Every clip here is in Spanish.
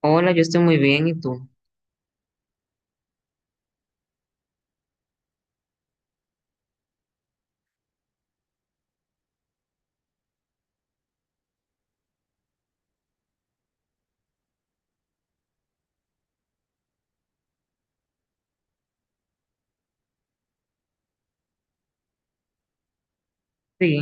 Hola, yo estoy muy bien, ¿y tú? Sí.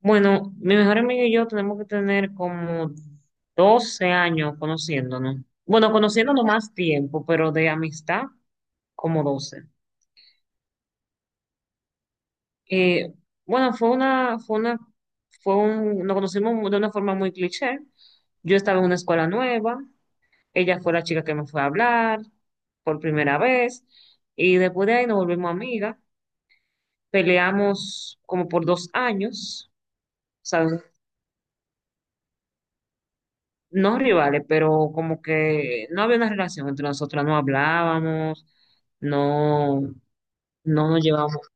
Bueno, mi mejor amigo y yo tenemos que tener como 12 años conociéndonos. Bueno, conociéndonos más tiempo, pero de amistad como 12. Eh, bueno, fue una, fue una, fue un, nos conocimos de una forma muy cliché. Yo estaba en una escuela nueva, ella fue la chica que me fue a hablar por primera vez, y después de ahí nos volvimos amigas, peleamos como por 2 años. O sea, no rivales, pero como que no había una relación entre nosotras, no hablábamos, no, no nos llevábamos.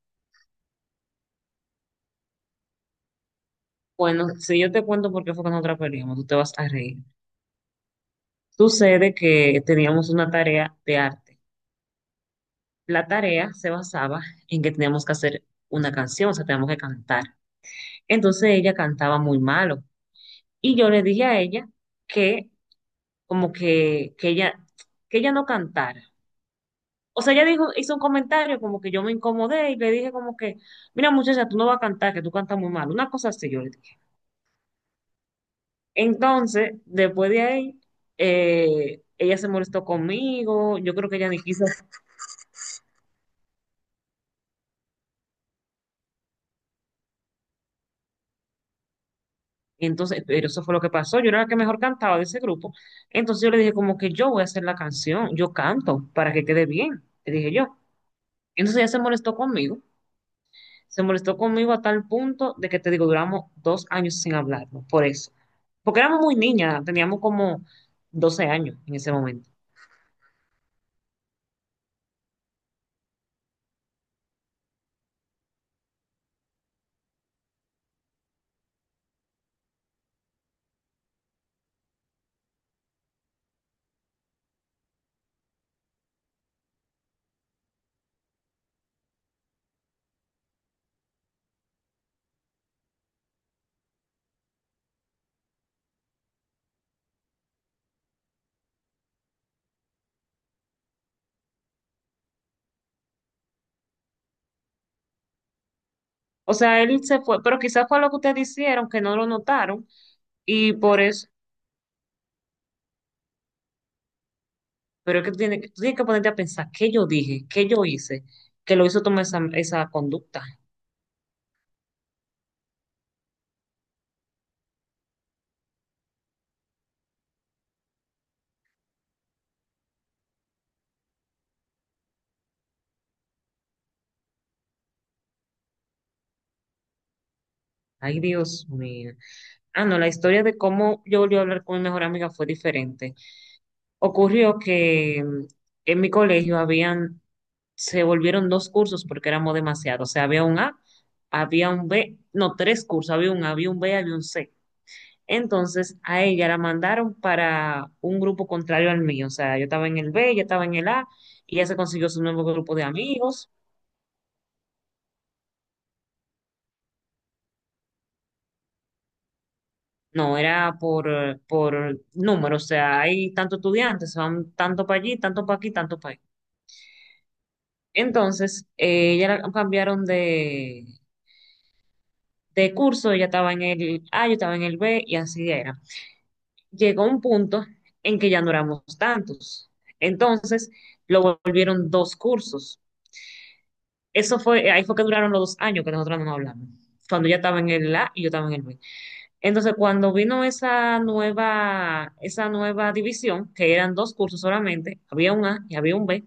Bueno, si yo te cuento por qué fue que nosotras peleamos, tú te vas a reír. Sucede que teníamos una tarea de arte. La tarea se basaba en que teníamos que hacer una canción, o sea, teníamos que cantar. Entonces ella cantaba muy malo y yo le dije a ella que como que, que ella no cantara. O sea, ella dijo, hizo un comentario como que yo me incomodé y le dije como que, mira muchacha, tú no vas a cantar, que tú cantas muy mal. Una cosa así yo le dije. Entonces, después de ahí, ella se molestó conmigo, yo creo que ella ni quiso. Entonces, pero eso fue lo que pasó. Yo era la que mejor cantaba de ese grupo. Entonces yo le dije como que yo voy a hacer la canción, yo canto para que quede bien, le dije yo. Entonces ella se molestó conmigo. Se molestó conmigo a tal punto de que te digo, duramos dos años sin hablarnos, por eso. Porque éramos muy niñas, teníamos como 12 años en ese momento. O sea, él se fue, pero quizás fue lo que ustedes hicieron, que no lo notaron, y por eso, pero es que tú tienes, tú tienes que ponerte a pensar, ¿qué yo dije? ¿Qué yo hice? Que lo hizo tomar esa conducta. Ay, Dios mío. Ah, no, la historia de cómo yo volví a hablar con mi mejor amiga fue diferente. Ocurrió que en mi colegio habían se volvieron dos cursos porque éramos demasiados. O sea, había un A, había un B, no, tres cursos, había un A, había un B, había un C. Entonces a ella la mandaron para un grupo contrario al mío. O sea, yo estaba en el B, ella estaba en el A y ella se consiguió su nuevo grupo de amigos. No, era por número, o sea, hay tantos estudiantes, van tanto para allí, tanto para aquí, tanto para allí. Entonces, ella la cambiaron de curso, ella estaba en el A, yo estaba en el B y así era. Llegó un punto en que ya no éramos tantos. Entonces, lo volvieron dos cursos. Eso fue, ahí fue que duraron los 2 años que nosotros no hablamos. Cuando ya estaba en el A y yo estaba en el B. Entonces, cuando vino esa nueva división, que eran dos cursos solamente, había un A y había un B,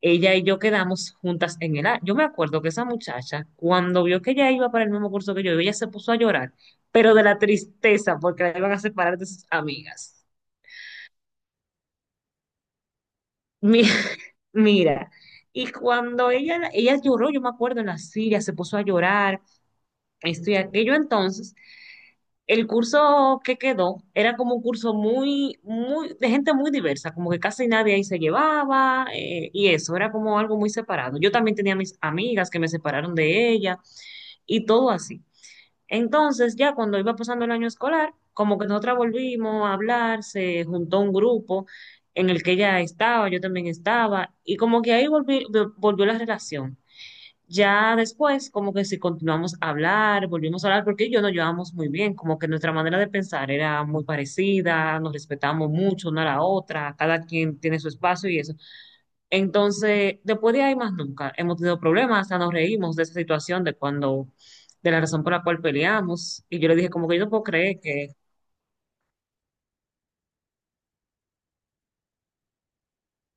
ella y yo quedamos juntas en el A. Yo me acuerdo que esa muchacha, cuando vio que ella iba para el mismo curso que yo, ella se puso a llorar, pero de la tristeza, porque la iban a separar de sus amigas. Mi- Mira, y cuando ella lloró, yo me acuerdo en la silla, se puso a llorar, esto y aquello. Entonces, el curso que quedó era como un curso muy, muy, de gente muy diversa, como que casi nadie ahí se llevaba, y eso, era como algo muy separado. Yo también tenía mis amigas que me separaron de ella, y todo así. Entonces, ya cuando iba pasando el año escolar, como que nosotras volvimos a hablar, se juntó un grupo en el que ella estaba, yo también estaba, y como que ahí volvió la relación. Ya después, como que si continuamos a hablar, volvimos a hablar, porque ella y yo nos llevábamos muy bien, como que nuestra manera de pensar era muy parecida, nos respetamos mucho una a la otra, cada quien tiene su espacio y eso. Entonces, después de ahí más nunca hemos tenido problemas, hasta nos reímos de esa situación, de cuando, de la razón por la cual peleamos. Y yo le dije, como que yo no puedo creer que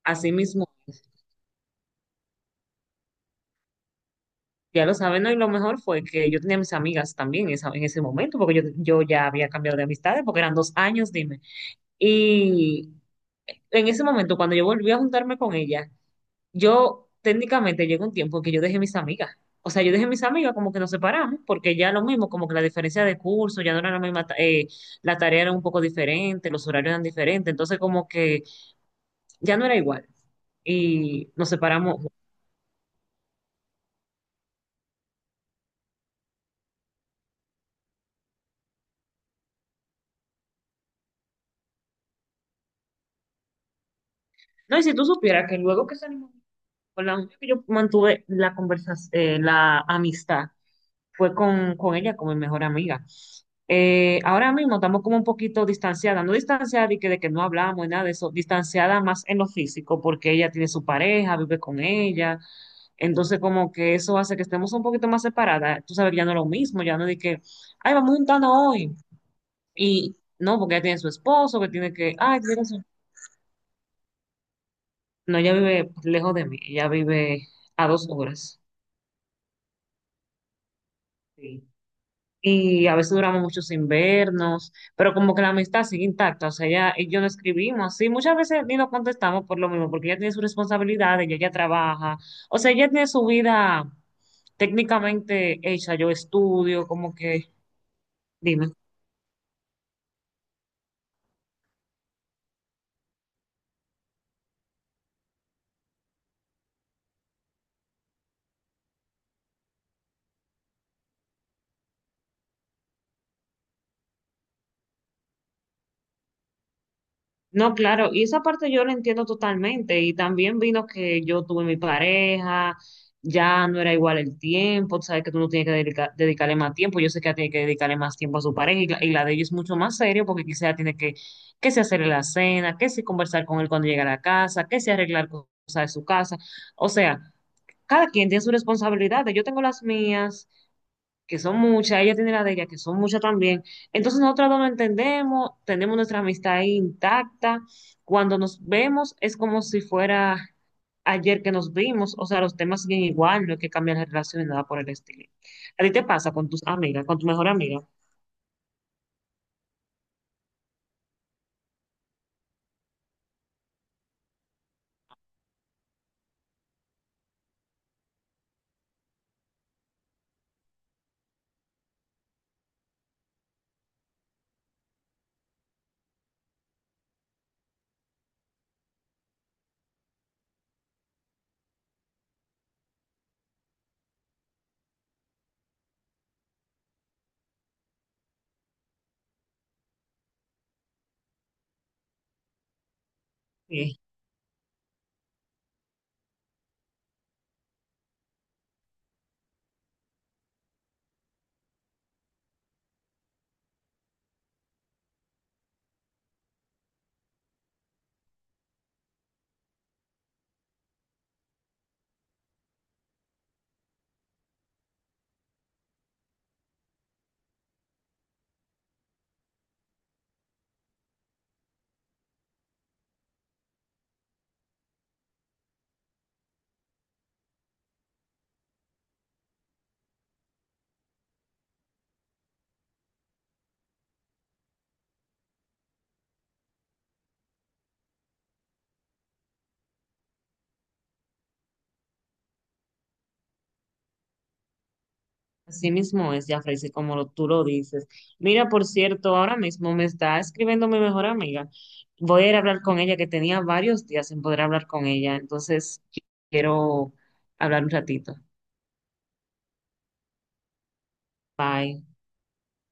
así mismo, es. Ya lo saben, ¿no? Y lo mejor fue que yo tenía mis amigas también en ese momento, porque yo ya había cambiado de amistades, porque eran 2 años, dime. Y en ese momento, cuando yo volví a juntarme con ella, yo técnicamente llegó un tiempo que yo dejé mis amigas. O sea, yo dejé mis amigas como que nos separamos, porque ya lo mismo, como que la diferencia de curso, ya no era la misma, la tarea era un poco diferente, los horarios eran diferentes, entonces como que ya no era igual. Y nos separamos. No, y si tú supieras que luego que salimos con la mujer que yo mantuve la conversación, la amistad, fue con ella como mi mejor amiga. Ahora mismo estamos como un poquito distanciadas, no distanciadas y que, de que no hablamos y nada de eso, distanciada más en lo físico, porque ella tiene su pareja, vive con ella, entonces como que eso hace que estemos un poquito más separadas, tú sabes que ya no es lo mismo, ya no es de que, ay, vamos juntando hoy, y no, porque ella tiene su esposo, que tiene que, ay, no, ella vive lejos de mí, ella vive a 2 horas. Y a veces duramos muchos invernos, pero como que la amistad sigue intacta, o sea, ella y yo no escribimos, sí, muchas veces ni nos contestamos por lo mismo, porque ella tiene sus responsabilidades, ella ya trabaja, o sea, ella tiene su vida técnicamente hecha, yo estudio, como que, dime. No, claro, y esa parte yo la entiendo totalmente. Y también vino que yo tuve mi pareja, ya no era igual el tiempo, tú sabes que tú no tienes que dedicarle más tiempo. Yo sé que ella tiene que dedicarle más tiempo a su pareja y y la de ella es mucho más serio porque quizá tiene que se hacerle la cena, que si conversar con él cuando llega a la casa, que si arreglar cosas de su casa. O sea, cada quien tiene sus responsabilidades. Yo tengo las mías que son muchas, ella tiene la de ella, que son muchas también. Entonces nosotras dos nos entendemos, tenemos nuestra amistad ahí intacta. Cuando nos vemos es como si fuera ayer que nos vimos, o sea, los temas siguen igual, no hay que cambiar la relación ni nada por el estilo. ¿A ti te pasa con tus amigas, con tu mejor amiga? Eh, Así mismo es, Jafrey, sí, como tú lo dices. Mira, por cierto, ahora mismo me está escribiendo mi mejor amiga. Voy a ir a hablar con ella, que tenía varios días sin poder hablar con ella. Entonces, quiero hablar un ratito. Bye.